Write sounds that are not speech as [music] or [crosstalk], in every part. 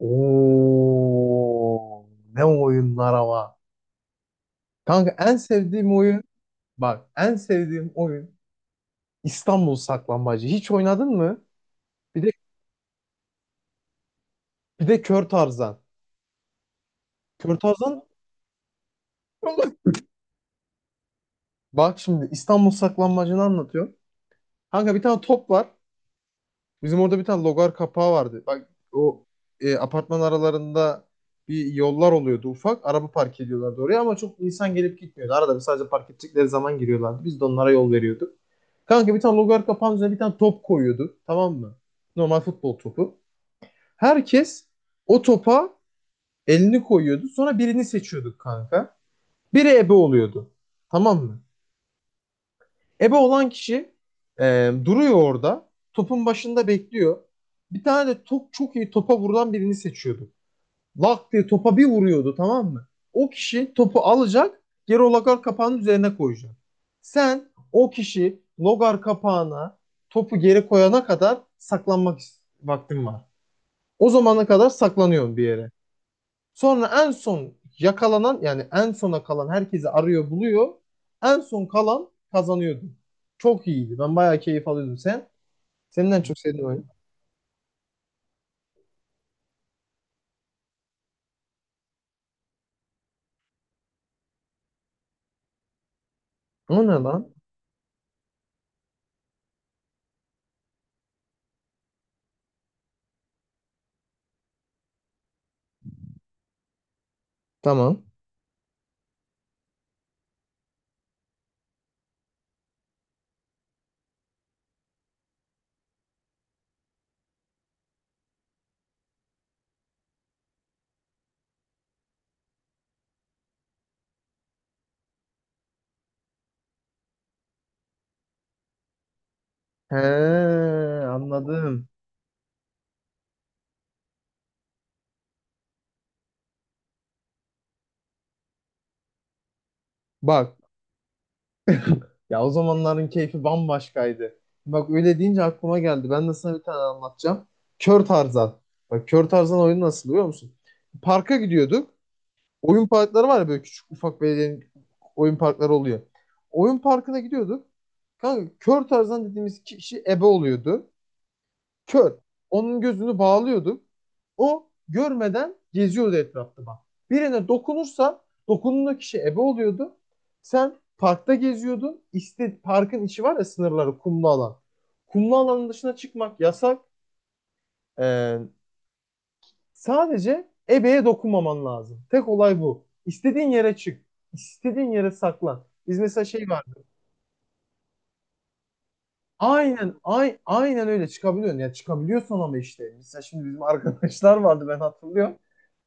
Oo, ne oyunlar ama. Kanka en sevdiğim oyun bak en sevdiğim oyun İstanbul Saklambaçı. Hiç oynadın mı? Bir de bir de Kör Tarzan. Kör Tarzan [laughs] bak şimdi İstanbul Saklambaçı'nı anlatıyorum. Kanka bir tane top var. Bizim orada bir tane logar kapağı vardı. Bak o apartman aralarında bir yollar oluyordu ufak. Araba park ediyorlardı oraya ama çok insan gelip gitmiyordu. Arada bir sadece park edecekleri zaman giriyorlardı. Biz de onlara yol veriyorduk. Kanka bir tane logar kapağının üzerine bir tane top koyuyordu. Tamam mı? Normal futbol topu. Herkes o topa elini koyuyordu. Sonra birini seçiyorduk kanka. Biri ebe oluyordu. Tamam mı? Ebe olan kişi duruyor orada. Topun başında bekliyor. Bir tane de top çok iyi topa vurulan birini seçiyorduk. Lak diye topa bir vuruyordu tamam mı? O kişi topu alacak, geri o lagar kapağının üzerine koyacak. Sen o kişi logar kapağına topu geri koyana kadar saklanmak vaktin var. O zamana kadar saklanıyorsun bir yere. Sonra en son yakalanan yani en sona kalan herkesi arıyor buluyor. En son kalan kazanıyordu. Çok iyiydi. Ben bayağı keyif alıyordum. Sen? Senin en çok sevdiğin oyun. O ne lan? Tamam. He, anladım. Bak. Ya o zamanların keyfi bambaşkaydı. Bak öyle deyince aklıma geldi. Ben de sana bir tane anlatacağım. Kör Tarzan. Bak Kör Tarzan oyunu nasıl biliyor musun? Parka gidiyorduk. Oyun parkları var ya böyle küçük ufak belediyenin oyun parkları oluyor. Oyun parkına gidiyorduk. Kanka Kör Tarzan dediğimiz kişi ebe oluyordu. Kör. Onun gözünü bağlıyorduk. O görmeden geziyordu etrafta bak. Birine dokunursa dokunduğun kişi ebe oluyordu. Sen parkta geziyordun. İşte parkın içi var ya sınırları kumlu alan. Kumlu alanın dışına çıkmak yasak. Ee, Sadece ebeye dokunmaman lazım. Tek olay bu. İstediğin yere çık. İstediğin yere saklan. Biz mesela şey var. Aynen, ay, aynen öyle çıkabiliyorsun. Ya çıkabiliyorsun ama işte. Mesela şimdi bizim arkadaşlar vardı ben hatırlıyorum.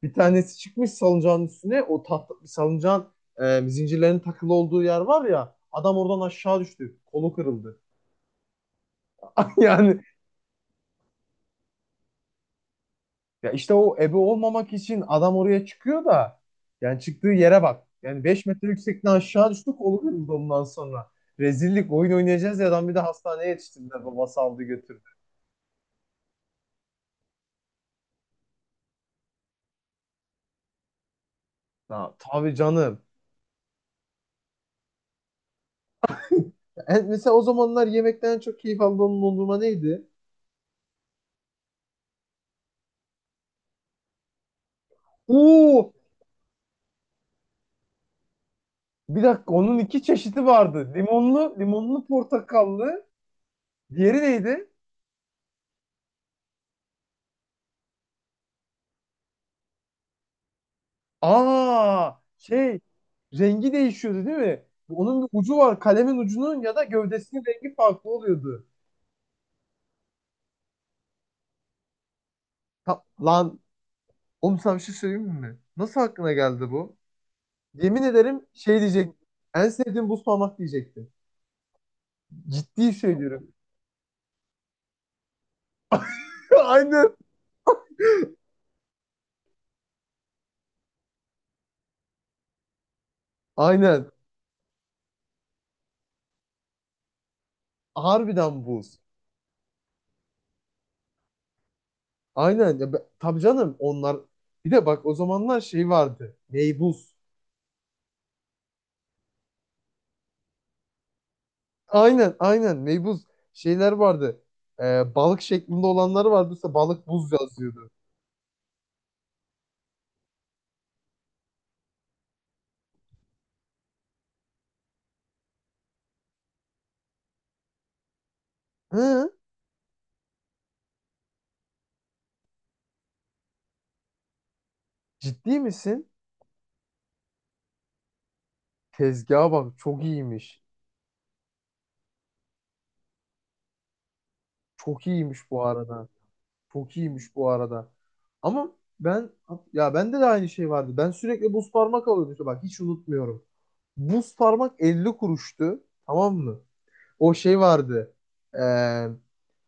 Bir tanesi çıkmış salıncağın üstüne. O tahta, salıncağın zincirlerin takılı olduğu yer var ya. Adam oradan aşağı düştü. Kolu kırıldı. [laughs] Yani ya işte o ebe olmamak için adam oraya çıkıyor da yani çıktığı yere bak. Yani 5 metre yüksekten aşağı düştü kolu kırıldı ondan sonra. Rezillik oyun oynayacağız ya adam bir de hastaneye yetiştirdiler. Babası aldı götürdü. Ya, tabii canım. Evet, mesela o zamanlar yemekten çok keyif aldığım dondurma neydi? Oo, bir dakika onun iki çeşidi vardı. Limonlu, limonlu portakallı. Diğeri neydi? Aa, şey rengi değişiyordu değil mi? Onun bir ucu var. Kalemin ucunun ya da gövdesinin rengi farklı oluyordu. Lan oğlum sana bir şey söyleyeyim mi? Nasıl aklına geldi bu? Yemin ederim şey diyecek. En sevdiğim buz parmak diyecektim. Ciddi söylüyorum. [laughs] Aynen. Aynen. Harbiden buz. Aynen. Ya, tabii canım onlar. Bir de bak o zamanlar şey vardı. Meybuz. Aynen aynen meybuz. Şeyler vardı. Balık şeklinde olanları vardı. Mesela balık buz yazıyordu. Hı? Ciddi misin? Tezgaha bak çok iyiymiş. Çok iyiymiş bu arada. Çok iyiymiş bu arada. Ama ben ya bende de aynı şey vardı. Ben sürekli buz parmak alıyordum. İşte bak hiç unutmuyorum. Buz parmak 50 kuruştu. Tamam mı? O şey vardı. Eee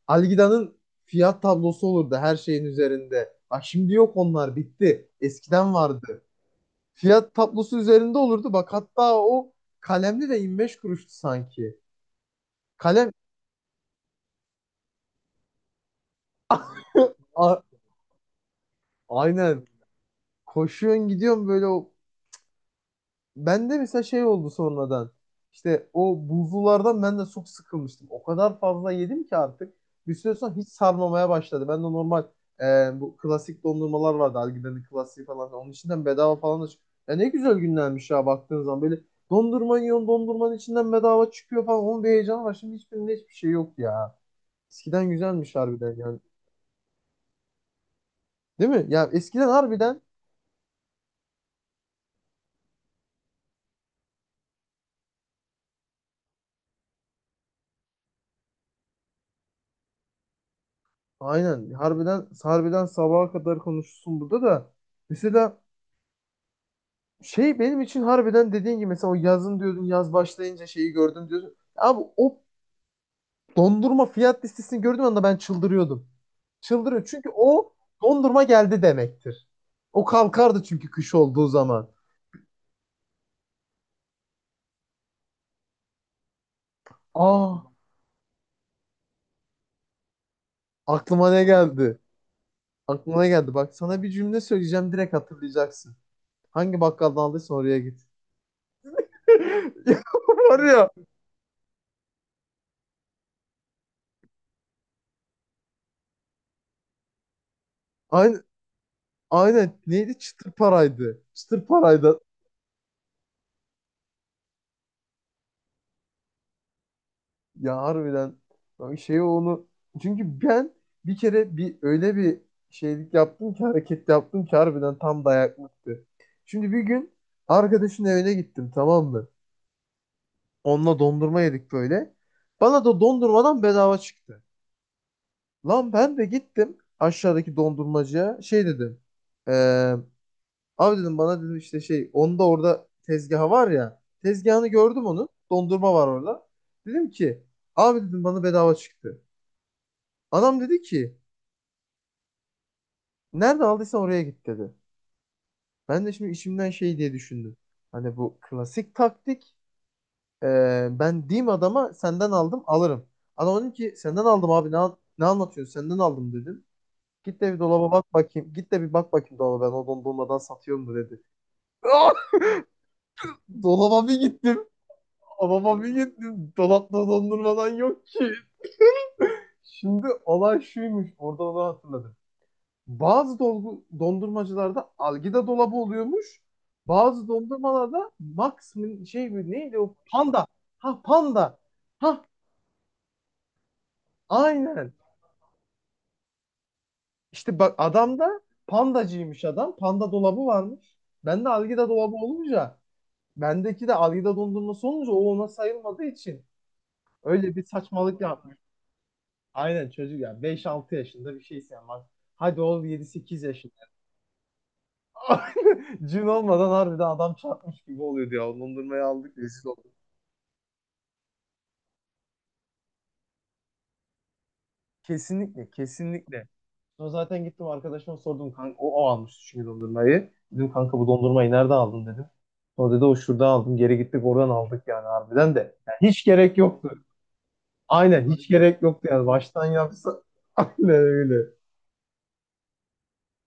Algida'nın fiyat tablosu olurdu her şeyin üzerinde. Bak şimdi yok onlar bitti. Eskiden vardı. Fiyat tablosu üzerinde olurdu. Bak hatta o kalemli de 25 kuruştu sanki. Kalem [laughs] A- aynen. Koşuyorsun gidiyorsun böyle o. Ben de mesela şey oldu sonradan. İşte o buzlulardan ben de çok sıkılmıştım. O kadar fazla yedim ki artık. Bir süre sonra hiç sarmamaya başladı. Ben de normal bu klasik dondurmalar vardı. Algiden'in klasiği falan. Onun içinden bedava falan da çıkıyor. Ya ne güzel günlermiş ya baktığın zaman. Böyle dondurma yiyorsun dondurmanın içinden bedava çıkıyor falan. Onun bir heyecanı var. Şimdi hiçbirinde hiçbir şey yok ya. Eskiden güzelmiş harbiden yani. Değil mi? Ya eskiden harbiden aynen harbiden sabaha kadar konuşursun burada da. Mesela şey benim için harbiden dediğin gibi mesela o yazın diyordun yaz başlayınca şeyi gördüm diyordun. Abi o dondurma fiyat listesini gördüğüm anda ben çıldırıyordum. Çıldırıyor çünkü o dondurma geldi demektir. O kalkardı çünkü kış olduğu zaman. Aa aklıma ne geldi? Aklıma ne geldi? Bak sana bir cümle söyleyeceğim direkt hatırlayacaksın. Hangi bakkaldan aldıysan oraya git. [laughs] Ya. Var ya. Aynen, aynen. Neydi? Çıtır paraydı. Çıtır paraydı. Ya harbiden bak şey onu çünkü ben bir kere bir öyle bir şeylik yaptım ki hareket yaptım ki harbiden tam dayaklıktı. Şimdi bir gün arkadaşın evine gittim tamam mı? Onunla dondurma yedik böyle. Bana da dondurmadan bedava çıktı. Lan ben de gittim aşağıdaki dondurmacıya şey dedim. Eee Abi dedim bana dedim işte şey onda orada tezgahı var ya. Tezgahını gördüm onun. Dondurma var orada. Dedim ki abi dedim bana bedava çıktı. Adam dedi ki nerede aldıysan oraya git dedi. Ben de şimdi içimden şey diye düşündüm. Hani bu klasik taktik. Ben diyeyim adama senden aldım alırım. Adam dedim ki senden aldım abi ne anlatıyorsun senden aldım dedim. Git de bir dolaba bak bakayım. Git de bir bak bakayım dolaba ben o dondurmadan satıyor mu dedi. Ah! Dolaba bir gittim. Dolaba bir gittim. Dolapta dondurmadan yok ki. Şimdi olay şuymuş. Orada onu hatırladım. Bazı dondurmacılarda algida dolabı oluyormuş. Bazı dondurmalarda Max şey mi neydi o panda. Ha panda. Ha aynen. İşte bak adam da pandacıymış adam. Panda dolabı varmış. Ben de algida dolabı olunca bendeki de algida dondurması olunca o ona sayılmadığı için öyle bir saçmalık yapmış. Aynen çocuk ya 5-6 yaşında bir şeysin ama hadi ol 7-8 yaşında. [laughs] Cin olmadan harbiden adam çarpmış gibi oluyordu ya. Dondurmayı aldık rezil olduk. Kesinlikle kesinlikle. Sonra zaten gittim arkadaşıma sordum. Kanka, o almıştı çünkü dondurmayı. Dedim kanka bu dondurmayı nerede aldın dedim. Sonra dedi o şurada aldım. Geri gittik oradan aldık yani harbiden de. Yani hiç gerek yoktu. Aynen hiç gerek yoktu yani. Baştan yapsa. [laughs] Aynen öyle.